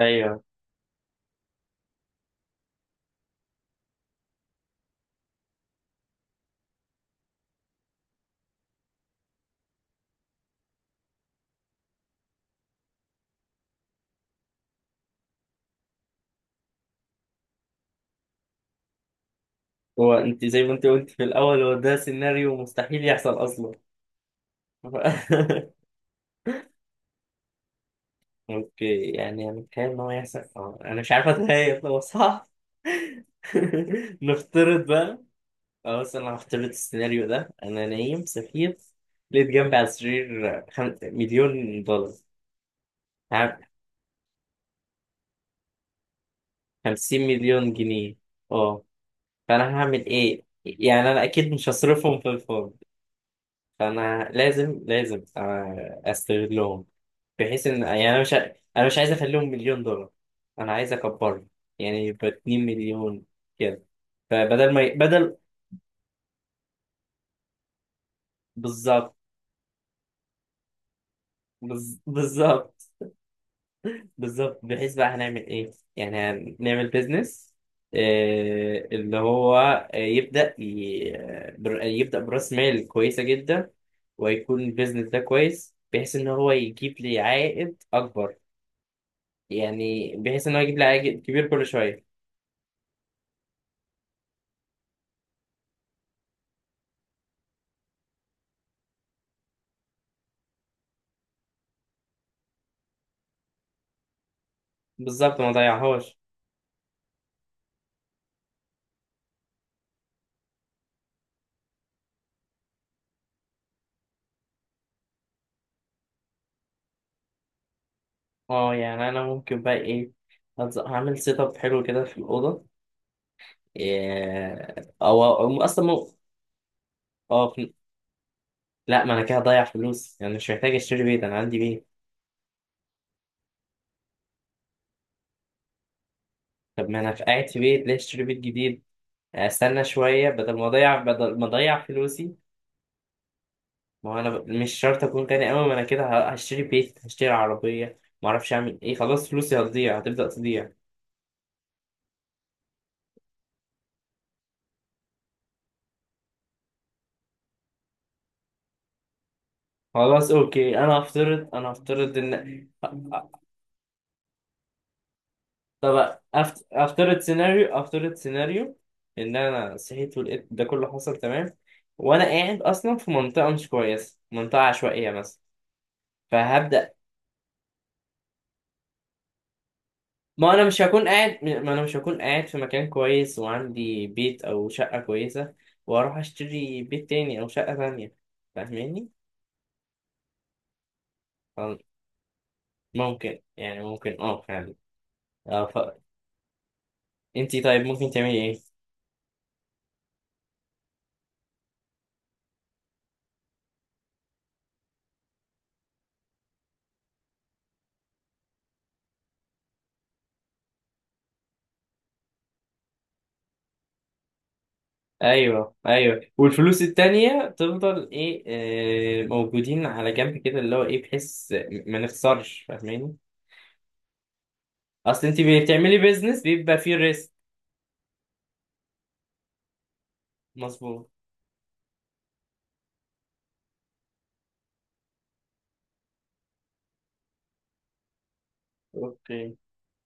ايوه. هو انت زي ما انت قلت في الاول، هو ده سيناريو مستحيل يحصل اصلا. اوكي، يعني انا متخيل ان هو يحصل. انا مش عارف اتخيل، هو صح؟ نفترض بقى. اه بس انا هفترض السيناريو ده. انا نايم سفير، لقيت جنبي على السرير مليون دولار. عارف؟ 50 مليون جنيه. اه. فانا هعمل ايه؟ يعني انا اكيد مش هصرفهم في الفاضي. فانا لازم لازم استغلهم، بحيث ان يعني انا مش عايز اخليهم مليون دولار، انا عايز اكبرهم، يعني يبقى 2 مليون كده. فبدل ما ي... بدل بالظبط. بالظبط. بالظبط، بحيث بقى هنعمل ايه؟ يعني هنعمل بيزنس، اللي هو يبدأ يبدأ برأس مال كويسة جدا، ويكون البيزنس ده كويس بحيث ان هو يجيب لي عائد اكبر. يعني بحيث ان هو يجيب لي عائد كبير كل شوية. بالظبط، ما ضيعهاش. اه يعني انا ممكن بقى ايه؟ هعمل سيت اب حلو كده في الاوضه. إيه، او اصلا اه في... لا، ما انا كده هضيع فلوس. يعني مش محتاج اشتري بيت، انا عندي بيت. طب ما انا في قاعد في بيت، ليه اشتري بيت جديد؟ استنى شويه. بدل ما اضيع فلوسي. ما هو انا مش شرط اكون غني قوي. ما انا كده هشتري بيت، هشتري عربيه، ما اعرفش اعمل ايه، خلاص فلوسي هتضيع، هتبدا تضيع. خلاص اوكي. انا هفترض ان. طب افترض سيناريو، ان انا صحيت ولقيت ده كله حصل، تمام؟ وانا قاعد اصلا في منطقه مش كويسه، منطقه عشوائيه مثلا، فهبدا. ما انا مش هكون قاعد في مكان كويس وعندي بيت او شقه كويسه، واروح اشتري بيت تاني او شقه تانية، فاهماني؟ أم- ممكن، يعني ممكن، فعلا. اه ف... انتي طيب ممكن تعملي ايه؟ ايوه، ايوه. والفلوس التانية تفضل ايه؟ موجودين على جنب كده، اللي هو ايه، بحيث ما نخسرش، فاهماني؟ اصل انت بتعملي بيزنس بيبقى فيه ريسك. مظبوط. اوكي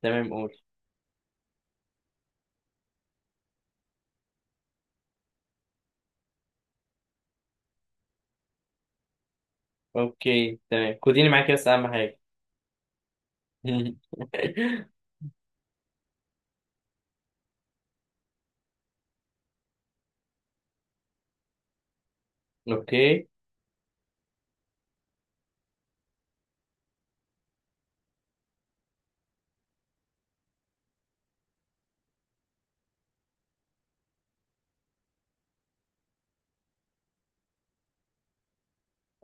تمام، قول. اوكي تمام، خديني معاكي بس، اهم حاجة. اوكي.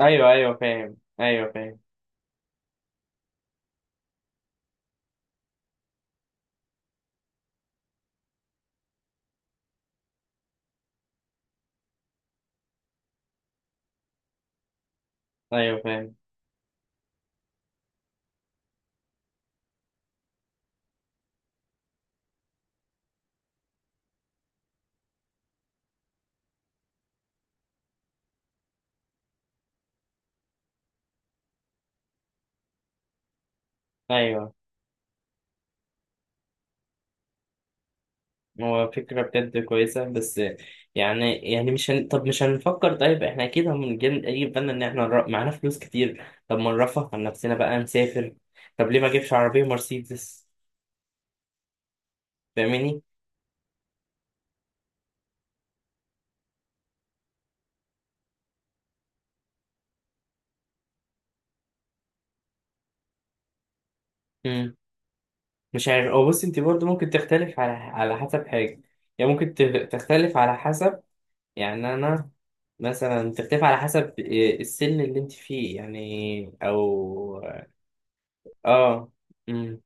ايوه ايوه فاهم. ايوه فاهم. ايوه فاهم. ايوه. هو فكرة بجد كويسة، بس يعني مش هن... طب مش هنفكر طيب، احنا اكيد هنجيب، يجي في بالنا ان احنا معانا فلوس كتير، طب ما نرفه عن نفسنا بقى، نسافر، طب ليه ما اجيبش عربية مرسيدس؟ فاهماني؟ مم. مش عارف. او بص، انت برضه ممكن تختلف على حسب حاجة. يعني ممكن تختلف على حسب، يعني انا مثلا، تختلف على حسب إيه السن اللي انت فيه، يعني او. اه. مم.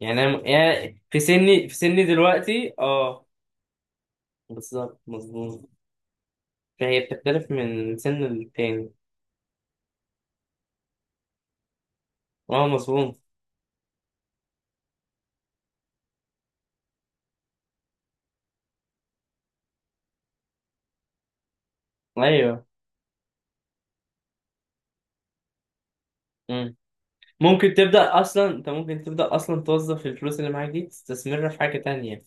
يعني انا يعني في سني، دلوقتي، بالظبط، مظبوم. فهي بتختلف من سن للتاني. اه مظبوم. ايوه. مم. ممكن تبدأ اصلا. توظف الفلوس اللي معاك دي، تستثمرها في حاجة تانية،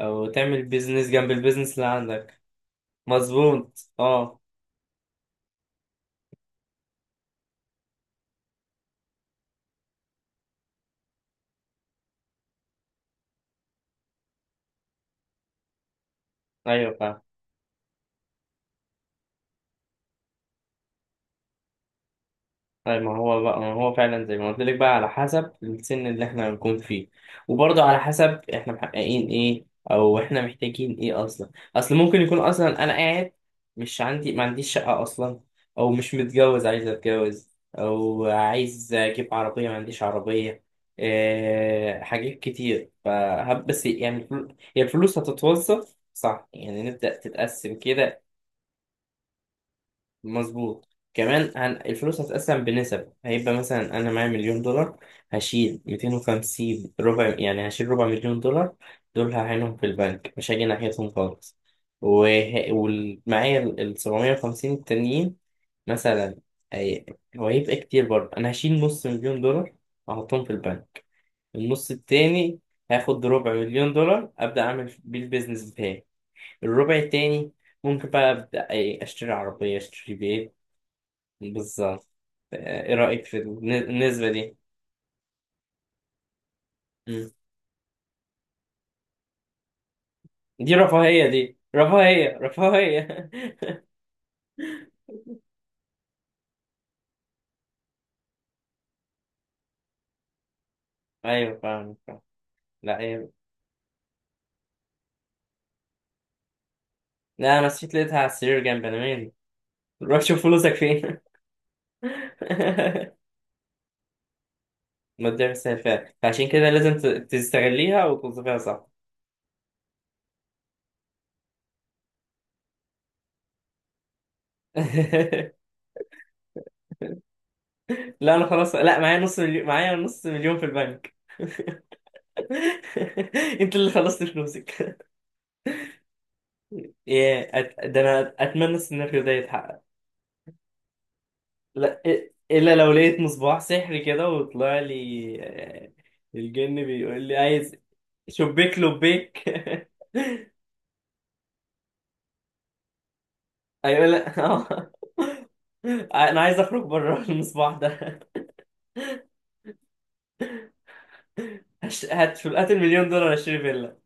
او تعمل بيزنس جنب البيزنس اللي عندك. مظبوط، اه. ايوه فاهم. طيب ما هو بقى، ما هو فعلا زي ما قلت لك، بقى على حسب السن اللي احنا هنكون فيه، وبرضه على حسب احنا محققين ايه، او احنا محتاجين ايه اصلا. اصل ممكن يكون اصلا انا قاعد مش ما عنديش شقة اصلا، او مش متجوز عايز اتجوز، او عايز اجيب عربية ما عنديش عربية. إيه، حاجات كتير. فهب بس يعني هي الفلوس هتتوظف صح، يعني نبدأ تتقسم كده. مظبوط. كمان الفلوس هتتقسم بنسب. هيبقى مثلا انا معايا مليون دولار، هشيل 250، ربع يعني، هشيل ربع مليون دولار، دول هعينهم في البنك، مش هاجي ناحيتهم خالص. وه... ومعايا ال 750 التانيين مثلا. هي... هو هيبقى كتير برضه. انا هشيل نص مليون دولار احطهم في البنك، النص التاني هاخد ربع مليون دولار ابدا اعمل بيه البيزنس بتاعي، الربع التاني ممكن بقى ابدا اشتري عربيه، اشتري بيت. بالظبط. ايه رأيك في النسبة دي؟ مم. دي رفاهية، دي رفاهية، رفاهية. ايوه فاهم. فاهم. لا ايه، لا انا نسيت، لقيتها على السرير جنب، انا مالي، روح شوف فلوسك فين. ما تضيعش فيها، فعشان كده لازم تستغليها وتوظفيها صح. لا انا خلاص، لا معايا نص مليون، في البنك. انت اللي خلصت فلوسك. ده انا اتمنى السيناريو ده يتحقق. لا، الا لو لقيت مصباح سحري كده وطلع لي، الجن بيقول لي عايز، شبيك لبيك. ايوه. لا آه. انا عايز اخرج بره المصباح ده. هات المليون دولار اشتري فيلا.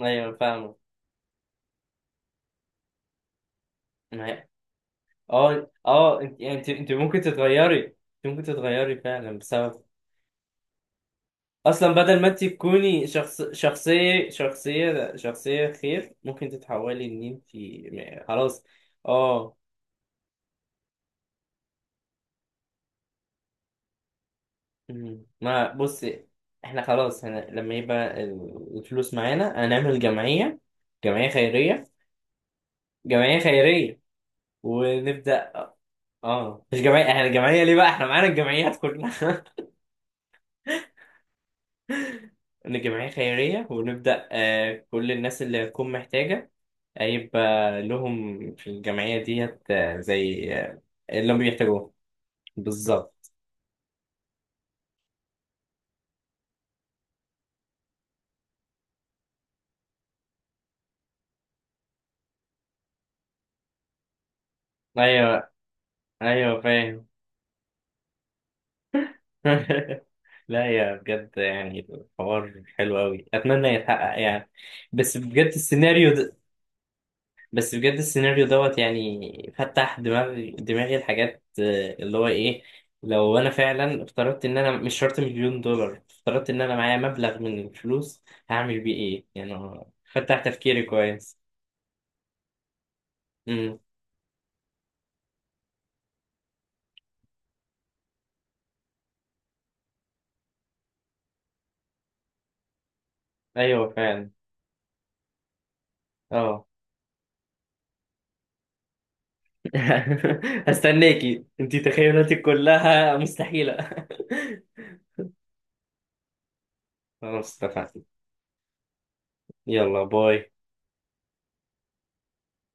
ايوه فاهمه. ما هي- اه انت يعني انت ممكن تتغيري. فعلا بسبب اصلا، بدل ما انت تكوني شخصيه خير، ممكن تتحولي ان انت خلاص. اه. مم. ما بصي، احنا خلاص هنا لما يبقى الفلوس معانا هنعمل جمعيه خيريه. جمعيه خيريه ونبدا. اه مش جمعيه، احنا الجمعيه ليه بقى، احنا معانا الجمعيات كلها. ان الجمعيه خيريه، ونبدا كل الناس اللي هتكون محتاجه هيبقى لهم في الجمعيه ديت، زي اللي هم بيحتاجوه. بالظبط. ايوه ايوه فاهم. لا يا بجد، يعني الحوار حلو قوي، اتمنى يتحقق يعني. بس بجد السيناريو ده بس بجد السيناريو دوت يعني فتح دماغي، الحاجات اللي هو ايه، لو انا فعلا افترضت ان انا مش شرط مليون دولار، افترضت ان انا معايا مبلغ من الفلوس، هعمل بيه ايه يعني. فتح تفكيري كويس. امم ايوه فعلا، اه. هستناكي، انتي تخيلاتك كلها مستحيلة. خلاص، اتفقنا. يلا باي.